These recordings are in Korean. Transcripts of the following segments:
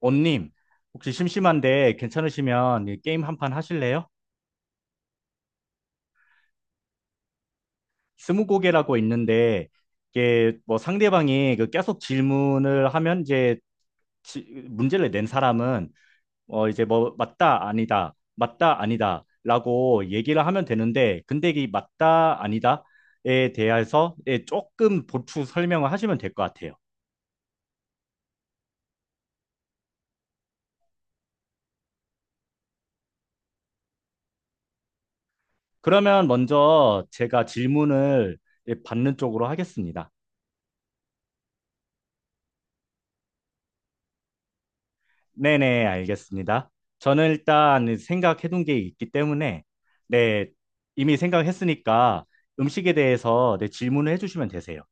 원님, 혹시 심심한데 괜찮으시면 이 게임 한 판 하실래요? 스무고개라고 있는데 이게 뭐 상대방이 그 계속 질문을 하면 이제 지- 문제를 낸 사람은 이제 뭐 맞다 아니다 맞다 아니다라고 얘기를 하면 되는데 근데 이 맞다 아니다에 대해서 예, 조금 보충 설명을 하시면 될 것 같아요. 그러면 먼저 제가 질문을 예, 받는 쪽으로 하겠습니다. 네네, 알겠습니다. 저는 일단 생각해둔 게 있기 때문에, 네, 이미 생각했으니까 음식에 대해서 네, 질문을 해주시면 되세요.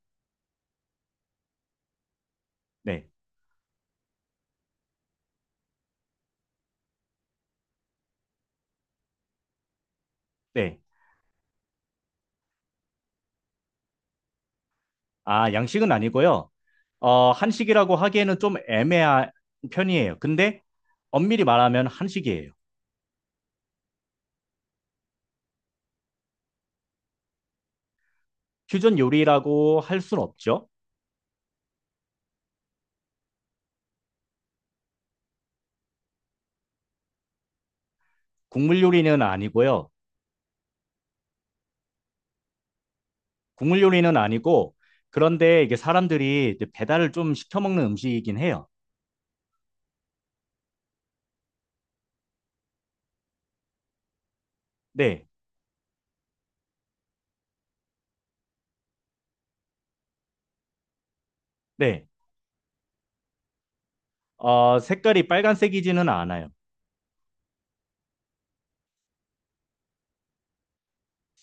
네, 네. 아, 양식은 아니고요. 어, 한식이라고 하기에는 좀 애매한 편이에요. 근데 엄밀히 말하면 한식이에요. 퓨전 요리라고 할 순 없죠. 국물 요리는 아니고요. 국물 요리는 아니고, 그런데 이게 사람들이 이제 배달을 좀 시켜 먹는 음식이긴 해요. 네, 네. 어, 색깔이 빨간색이지는 않아요.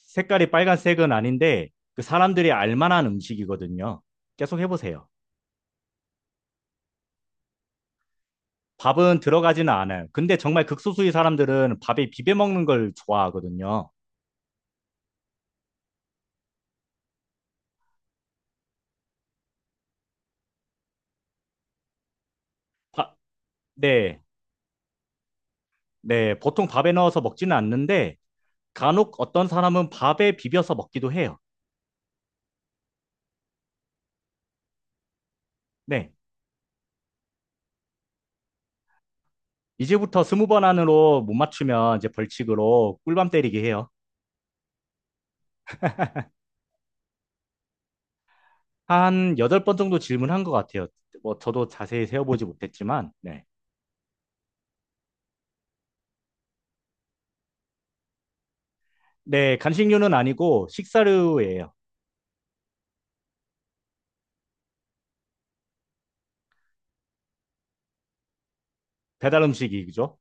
색깔이 빨간색은 아닌데 그 사람들이 알만한 음식이거든요. 계속 해보세요. 밥은 들어가지는 않아요. 근데 정말 극소수의 사람들은 밥에 비벼 먹는 걸 좋아하거든요. 바- 네, 네, 보통 밥에 넣어서 먹지는 않는데 간혹 어떤 사람은 밥에 비벼서 먹기도 해요. 네, 이제부터 스무 번 안으로 못 맞추면 이제 벌칙으로 꿀밤 때리게 해요. 한 여덟 번 정도 질문한 것 같아요. 뭐 저도 자세히 세어보지 못했지만, 네. 네, 간식류는 아니고 식사류예요. 배달 음식이죠?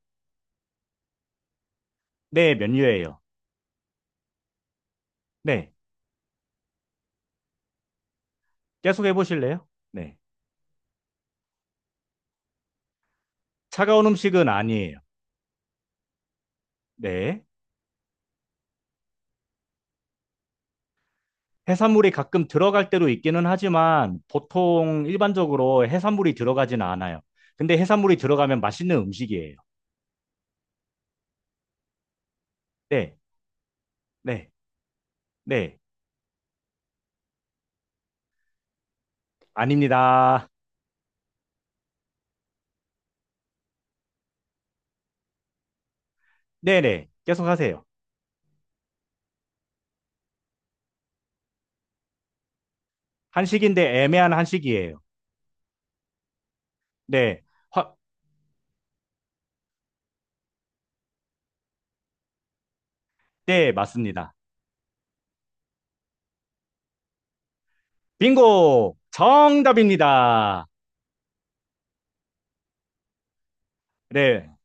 네, 면류예요. 네, 계속 해보실래요? 네, 차가운 음식은 아니에요. 네, 해산물이 가끔 들어갈 때도 있기는 하지만 보통 일반적으로 해산물이 들어가진 않아요. 근데 해산물이 들어가면 맛있는 음식이에요. 네, 네, 네, 아닙니다. 네, 네, 계속 하세요. 한식인데 애매한 한식이에요. 네, 확, 네, 맞습니다. 빙고! 정답입니다. 네.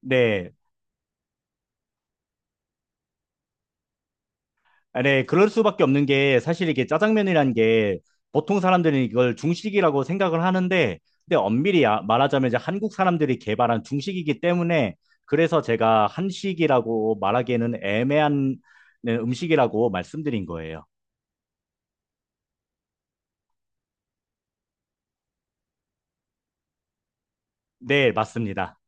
네. 아, 네, 그럴 수밖에 없는 게 사실 이게 짜장면이라는 게 보통 사람들은 이걸 중식이라고 생각을 하는데 근데 엄밀히 말하자면 이제 한국 사람들이 개발한 중식이기 때문에 그래서 제가 한식이라고 말하기에는 애매한 네, 음식이라고 말씀드린 거예요. 네, 맞습니다.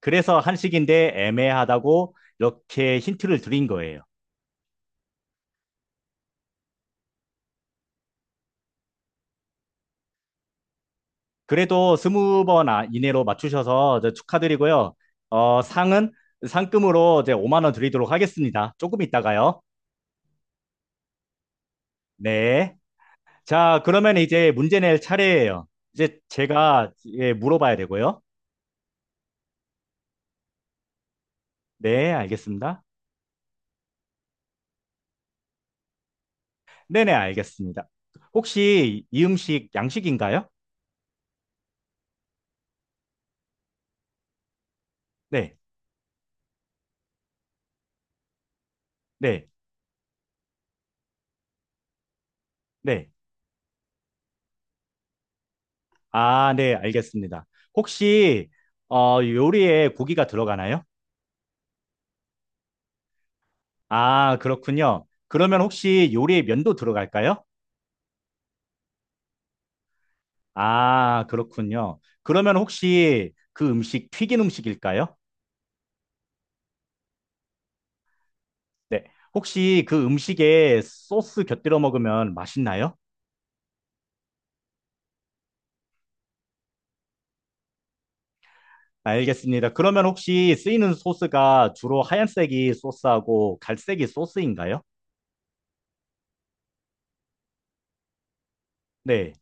그래서 한식인데 애매하다고 이렇게 힌트를 드린 거예요. 그래도 스무 번 이내로 맞추셔서 이제 축하드리고요. 어, 상은 상금으로 이제 5만 원 드리도록 하겠습니다. 조금 있다가요. 네. 자, 그러면 이제 문제 낼 차례예요. 이제 제가 예, 물어봐야 되고요. 네, 알겠습니다. 네네, 알겠습니다. 혹시 이 음식 양식인가요? 네, 네, 네. 아, 네, 알겠습니다. 혹시 어, 요리에 고기가 들어가나요? 아, 그렇군요. 그러면 혹시 요리에 면도 들어갈까요? 아, 그렇군요. 그러면 혹시 그 음식 튀긴 음식일까요? 네. 혹시 그 음식에 소스 곁들여 먹으면 맛있나요? 아, 알겠습니다. 그러면 혹시 쓰이는 소스가 주로 하얀색이 소스하고 갈색이 소스인가요? 네.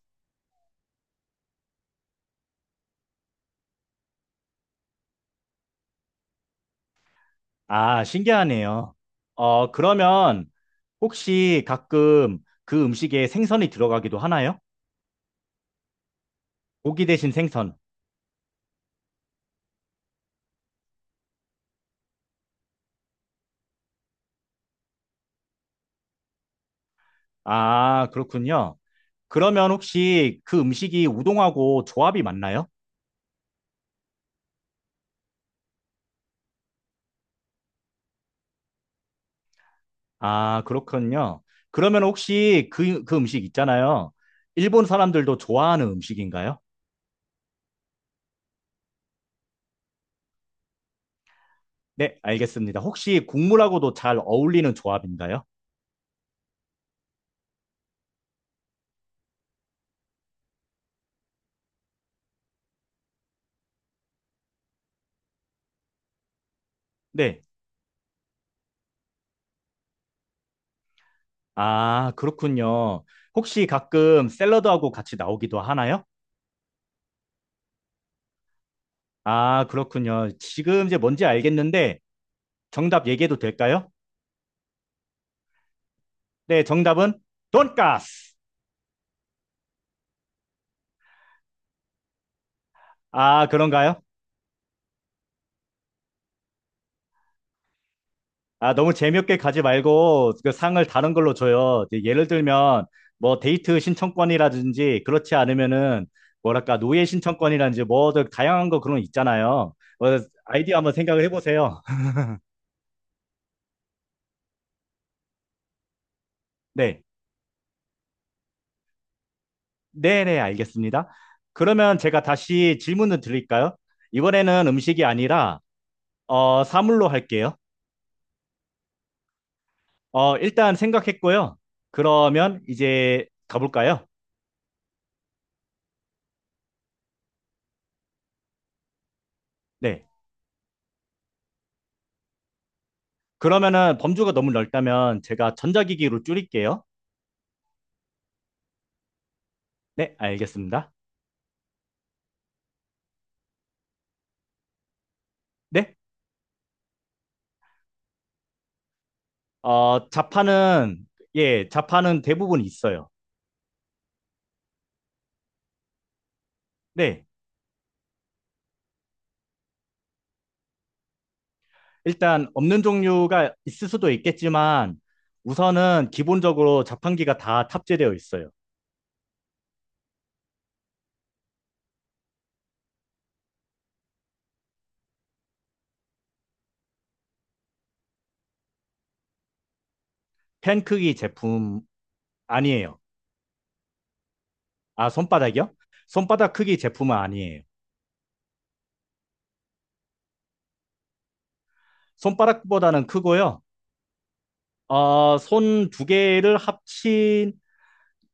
아, 신기하네요. 어, 그러면 혹시 가끔 그 음식에 생선이 들어가기도 하나요? 고기 대신 생선. 아, 그렇군요. 그러면 혹시 그 음식이 우동하고 조합이 맞나요? 아, 그렇군요. 그러면 혹시 그 음식 있잖아요. 일본 사람들도 좋아하는 음식인가요? 네, 알겠습니다. 혹시 국물하고도 잘 어울리는 조합인가요? 네. 아, 그렇군요. 혹시 가끔 샐러드하고 같이 나오기도 하나요? 아, 그렇군요. 지금 이제 뭔지 알겠는데 정답 얘기해도 될까요? 네, 정답은 돈까스. 아, 그런가요? 아, 너무 재미없게 가지 말고 그 상을 다른 걸로 줘요. 이제 예를 들면 뭐 데이트 신청권이라든지 그렇지 않으면은 뭐랄까 노예 신청권이라든지 뭐든 다양한 거 그런 거 있잖아요. 뭐 아이디어 한번 생각을 해보세요. 네. 네네, 알겠습니다. 그러면 제가 다시 질문을 드릴까요? 이번에는 음식이 아니라 어, 사물로 할게요. 어, 일단 생각했고요. 그러면 이제 가볼까요? 네. 그러면은 범주가 너무 넓다면 제가 전자기기로 줄일게요. 네, 알겠습니다. 네, 어, 자판은, 예, 자판은 대부분 있어요. 네, 일단 없는 종류가 있을 수도 있겠지만 우선은 기본적으로 자판기가 다 탑재되어 있어요. 펜 크기 제품 아니에요. 아, 손바닥이요? 손바닥 크기 제품은 아니에요. 손바닥보다는 크고요. 어, 손 두 개를 합친,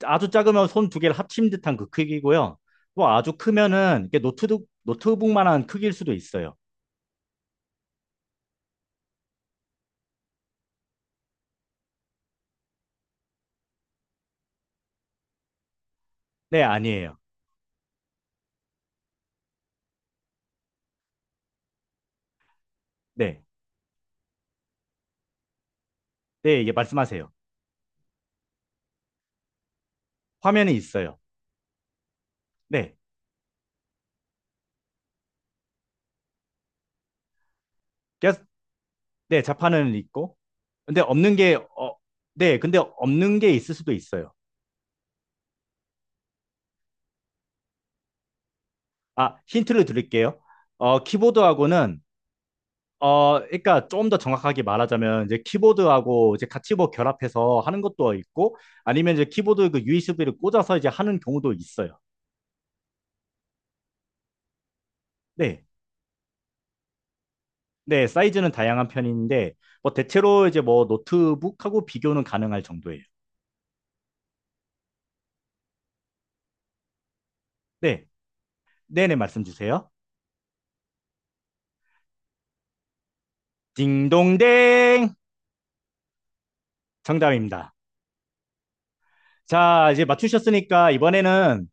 아주 작으면 손 두 개를 합친 듯한 그 크기고요. 또 아주 크면은 이게 노트북, 노트북만한 크기일 수도 있어요. 네, 아니에요. 네. 네, 이게 말씀하세요. 화면이 있어요. 네. 그래서- 네, 자판은 있고. 근데 없는 게, 어, 네, 근데 없는 게 있을 수도 있어요. 아, 힌트를 드릴게요. 어, 키보드하고는, 어, 그러니까 좀 더 정확하게 말하자면, 이제 키보드하고 이제 같이 뭐 결합해서 하는 것도 있고, 아니면 이제 키보드 그 USB를 꽂아서 이제 하는 경우도 있어요. 네. 네, 사이즈는 다양한 편인데, 뭐 대체로 이제 뭐 노트북하고 비교는 가능할 정도예요. 네. 네네, 말씀 주세요. 딩동댕 정답입니다. 자, 이제 맞추셨으니까 이번에는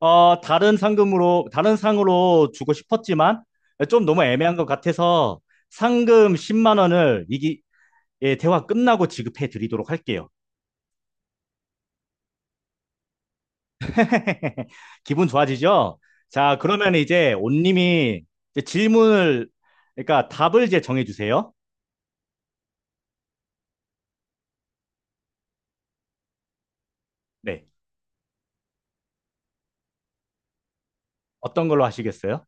어, 다른 상금으로 다른 상으로 주고 싶었지만 좀 너무 애매한 것 같아서 상금 10만 원을 이기 예, 대화 끝나고 지급해 드리도록 할게요. 기분 좋아지죠? 자, 그러면 이제 온님이 이제 질문을 그러니까 답을 이제 정해 주세요. 네. 어떤 걸로 하시겠어요?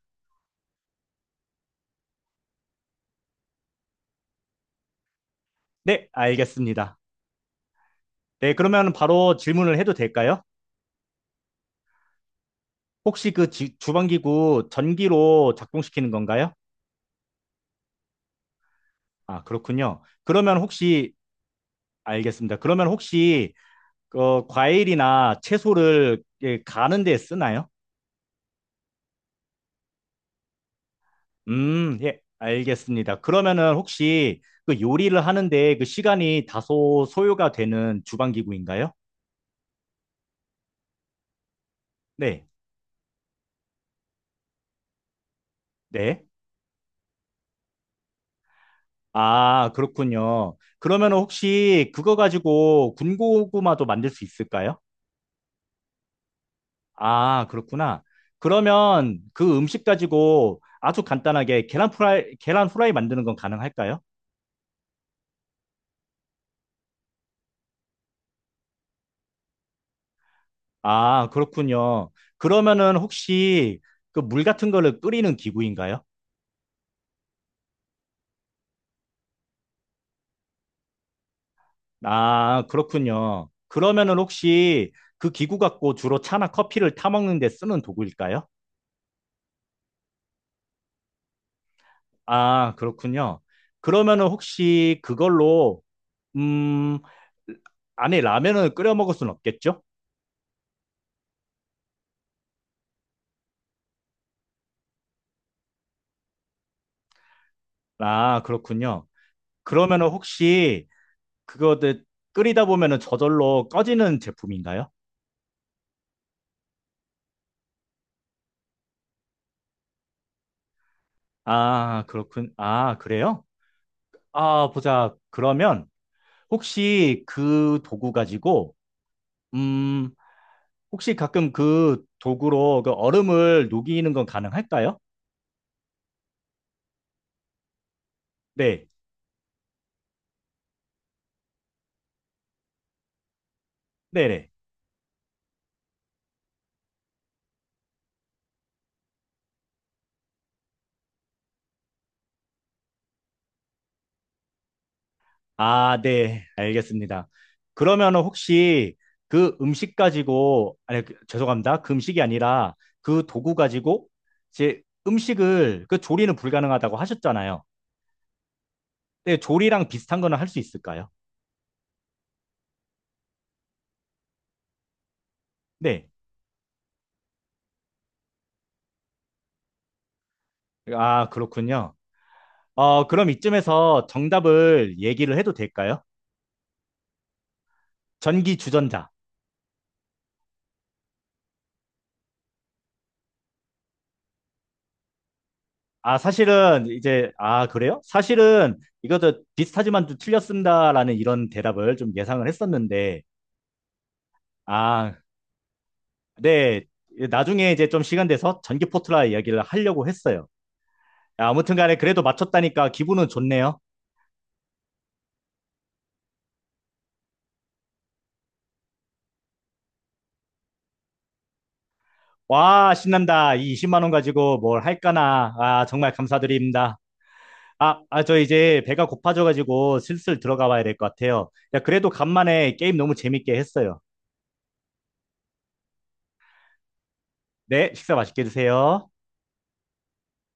네, 알겠습니다. 네, 그러면 바로 질문을 해도 될까요? 혹시 그 주방기구 전기로 작동시키는 건가요? 아, 그렇군요. 그러면 혹시, 알겠습니다. 그러면 혹시, 어, 과일이나 채소를 예, 가는 데 쓰나요? 예, 알겠습니다. 그러면은 혹시 그 요리를 하는데 그 시간이 다소 소요가 되는 주방기구인가요? 네, 네. 아, 그렇군요. 그러면 혹시 그거 가지고 군고구마도 만들 수 있을까요? 아, 그렇구나. 그러면 그 음식 가지고 아주 간단하게 계란 프라이, 계란 후라이 만드는 건 가능할까요? 아, 그렇군요. 그러면은 혹시 그 물 같은 거를 끓이는 기구인가요? 아, 그렇군요. 그러면은 혹시 그 기구 갖고 주로 차나 커피를 타먹는 데 쓰는 도구일까요? 아, 그렇군요. 그러면은 혹시 그걸로, 음, 안에 라면을 끓여 먹을 순 없겠죠? 아, 그렇군요. 그러면은 혹시 그거들 끓이다 보면은 저절로 꺼지는 제품인가요? 아, 그렇군. 아, 그래요? 아, 보자. 그러면 혹시 그 도구 가지고, 음, 혹시 가끔 그 도구로 그 얼음을 녹이는 건 가능할까요? 네, 네네. 아, 네, 알겠습니다. 그러면 혹시 그 음식 가지고, 아니, 죄송합니다. 그 음식이 아니라 그 도구 가지고, 이제 음식을, 그 조리는 불가능하다고 하셨잖아요. 네, 조리랑 비슷한 거는 할 수 있을까요? 네. 아, 그렇군요. 어, 그럼 이쯤에서 정답을 얘기를 해도 될까요? 전기 주전자. 아, 사실은 이제, 아, 그래요? 사실은 이것도 비슷하지만 좀 틀렸습니다라는 이런 대답을 좀 예상을 했었는데, 아, 네. 나중에 이제 좀 시간 돼서 전기포트라 이야기를 하려고 했어요. 아무튼 간에 그래도 맞췄다니까 기분은 좋네요. 와, 신난다. 이 20만 원 가지고 뭘 할까나. 아, 정말 감사드립니다. 아, 아, 저 이제 배가 고파져가지고 슬슬 들어가 봐야 될 것 같아요. 야, 그래도 간만에 게임 너무 재밌게 했어요. 네, 식사 맛있게 드세요.